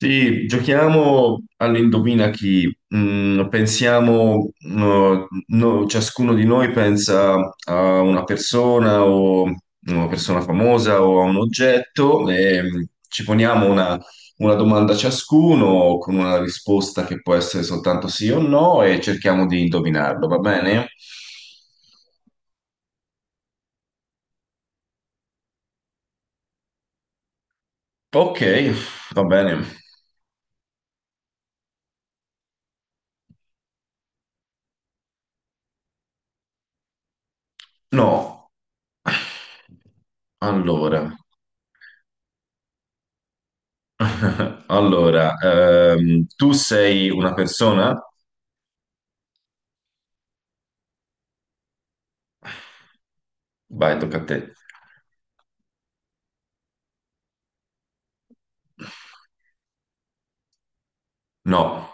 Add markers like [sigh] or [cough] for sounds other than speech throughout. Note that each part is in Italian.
Sì, giochiamo all'indovina chi. Pensiamo, ciascuno di noi pensa a una persona o una persona famosa o a un oggetto e ci poniamo una domanda ciascuno con una risposta che può essere soltanto sì o no e cerchiamo di indovinarlo, va bene? Ok, va bene. No. Allora. [laughs] Allora, tu sei una persona? Vai, tocca a te. No.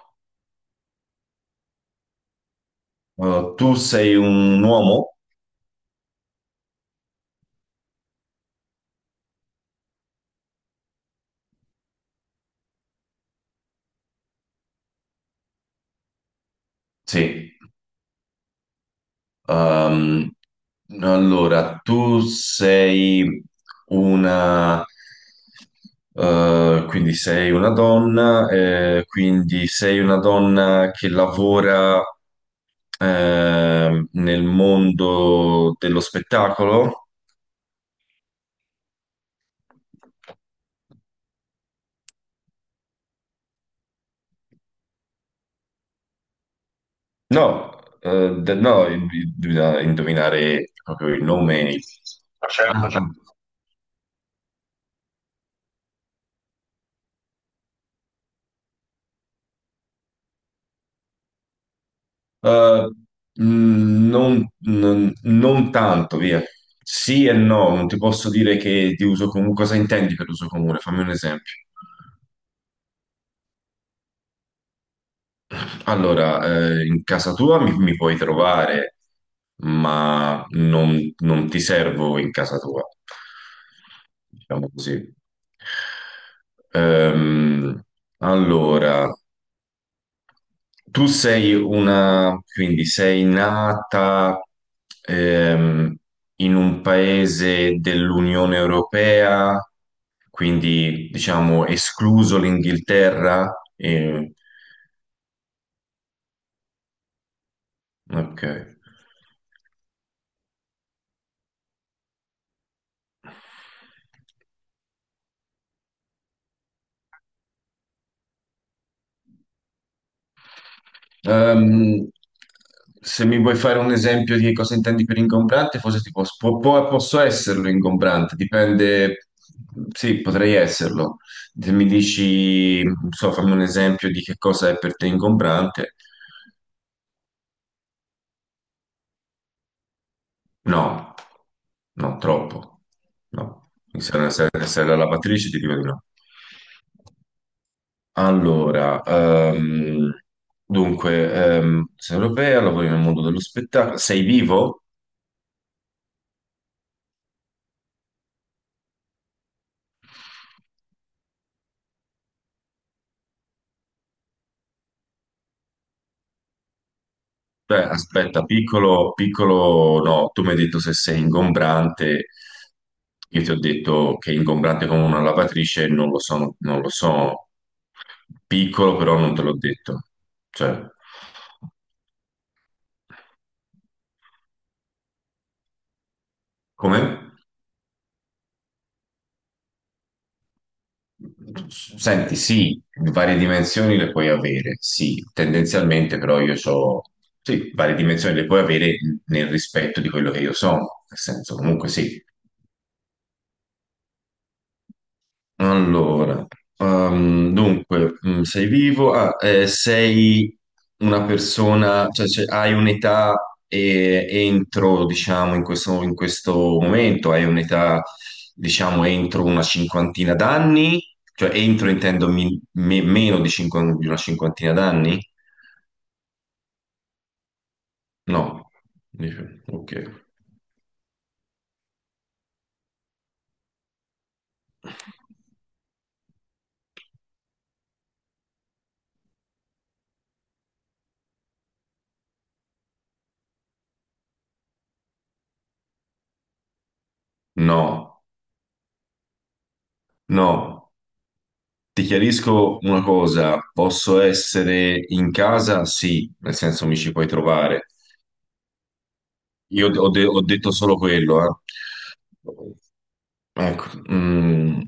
Tu sei un uomo? Sì. Ehm, allora, tu sei una... quindi sei una donna che lavora nel mondo dello spettacolo? No, no, bisogna indovinare proprio il nome. Ma certo, ah, certo. Ah. Non tanto, via. Sì e no, non ti posso dire che di uso comune. Cosa intendi per uso comune? Fammi un esempio. Allora, in casa tua mi puoi trovare, ma non ti servo in casa tua. Diciamo così. Ehm, allora. Tu sei una, quindi sei nata ehm, in un paese dell'Unione Europea, quindi diciamo escluso l'Inghilterra. Ok. Ehm, se mi vuoi fare un esempio di cosa intendi per ingombrante, forse ti posso esserlo ingombrante, dipende, sì, potrei esserlo. Se mi dici, non so, fammi un esempio di che cosa è per te ingombrante, no, no, troppo, no. Se non sei la lavatrice, ti dico di no. Allora, dunque, sei europea, lavori nel mondo dello spettacolo, sei vivo? Beh, aspetta, piccolo piccolo, no, tu mi hai detto se sei ingombrante, io ti ho detto che è ingombrante come una lavatrice, non lo so, non lo so, piccolo però non te l'ho detto, cioè, come? Senti, sì, varie dimensioni le puoi avere, sì, tendenzialmente però io ho, sì, varie dimensioni le puoi avere nel rispetto di quello che io sono, nel senso comunque sì. Allora, dunque, sei vivo, ah, sei una persona, cioè, se hai un'età entro, diciamo, in questo momento, hai un'età, diciamo, entro una cinquantina d'anni, cioè entro intendo meno di, di una cinquantina d'anni? No, dice, ok, no, no. Ti chiarisco una cosa, posso essere in casa? Sì, nel senso mi ci puoi trovare. Io ho detto solo quello, eh. Ecco, mm,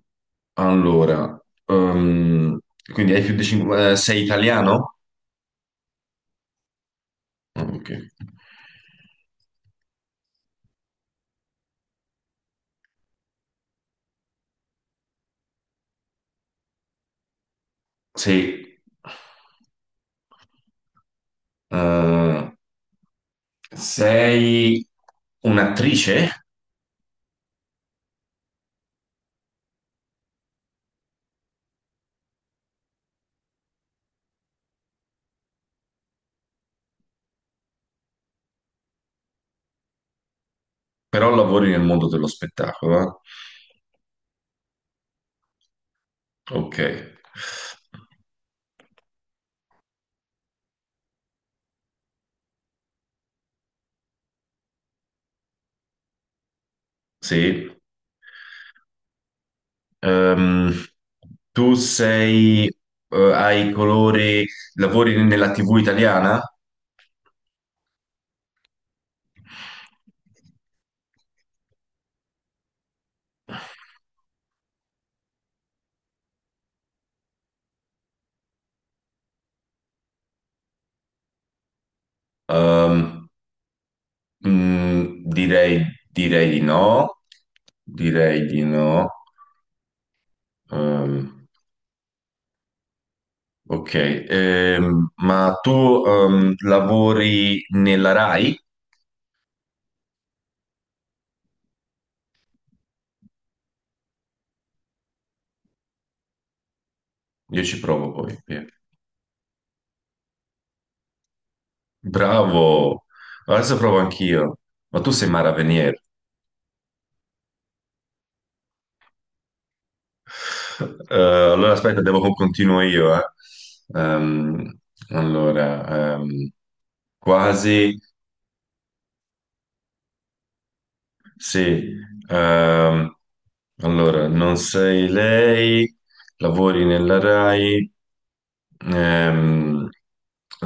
allora, ehm, quindi hai più di 5. Sei italiano? Ah, ok. Sì. Eh, sei un'attrice? Però lavori nel mondo dello spettacolo, eh? Ok. Sì. Ehm, tu sei, hai colori, lavori nella TV italiana? Ehm, direi di no, direi di no. Ehm, ok. Ma tu lavori nella Rai? Io ci provo poi, via. Bravo, adesso provo anch'io. Ma tu sei Mara Venier. Allora aspetta, devo continuo io, eh. Ehm, allora, quasi sì. Ehm, allora, non sei lei, lavori nella RAI, ehm,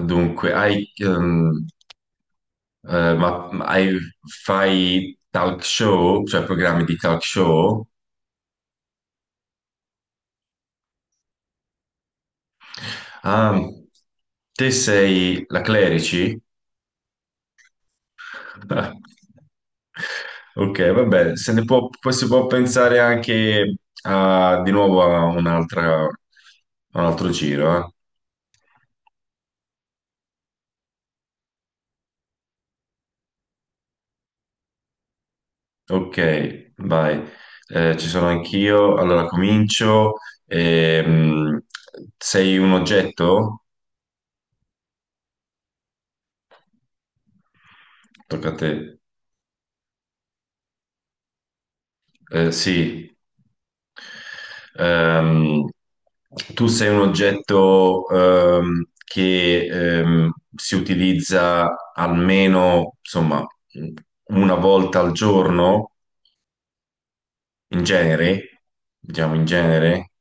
dunque, hai, eh, ma, ma hai- fai talk show, cioè programmi di talk show? Ah, te sei la Clerici? [laughs] Ok, vabbè, se ne può, poi si può pensare anche a, di nuovo a un'altra, a un altro giro, eh. Ok, vai. Ci sono anch'io, allora comincio. Ehm, sei un oggetto? Tocca a te. Sì. Ehm, tu sei un oggetto che si utilizza almeno, insomma, una volta al giorno, in genere, diciamo in genere.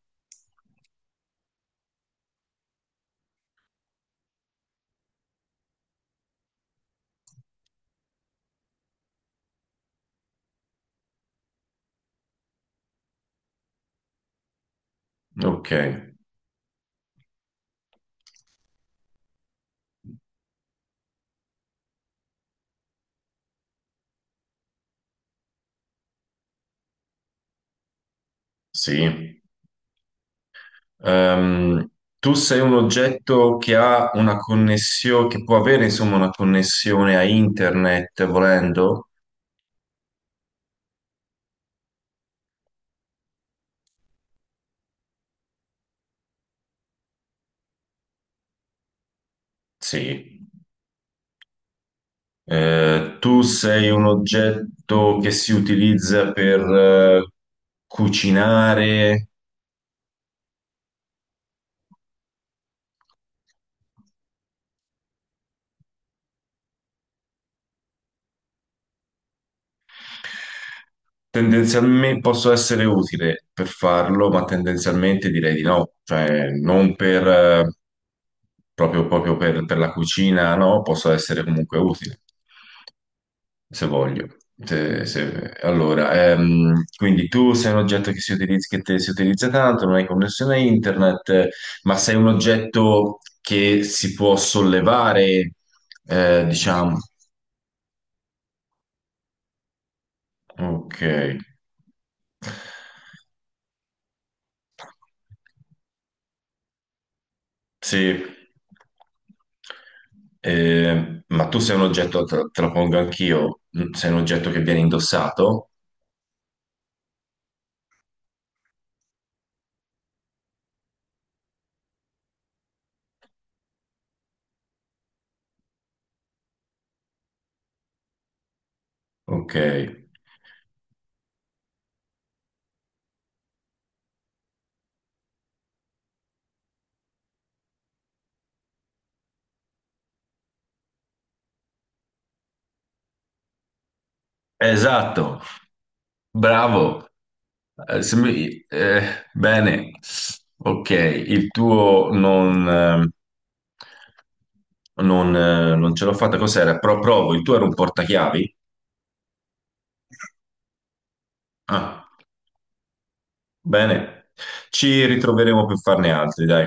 Ok, sì. Ehm, tu sei un oggetto che ha una connessione, che può avere, insomma, una connessione a internet, volendo? Sì. Tu sei un oggetto che si utilizza per cucinare. Tendenzialmente posso essere utile per farlo, ma tendenzialmente direi di no, cioè non per proprio, proprio per la cucina, no, posso essere comunque utile, se voglio. Allora, quindi tu sei un oggetto che si utilizza, si utilizza tanto, non hai connessione a internet, ma sei un oggetto che si può sollevare, diciamo. Ok, sì. Ma tu sei un oggetto, te lo pongo anch'io, sei un oggetto che viene indossato? Ok. Esatto. Bravo. Se mi- bene. Ok, il tuo non, non ce l'ho fatta. Cos'era? Provo, il tuo era un portachiavi? Ah, bene. Ci ritroveremo per farne altri, dai.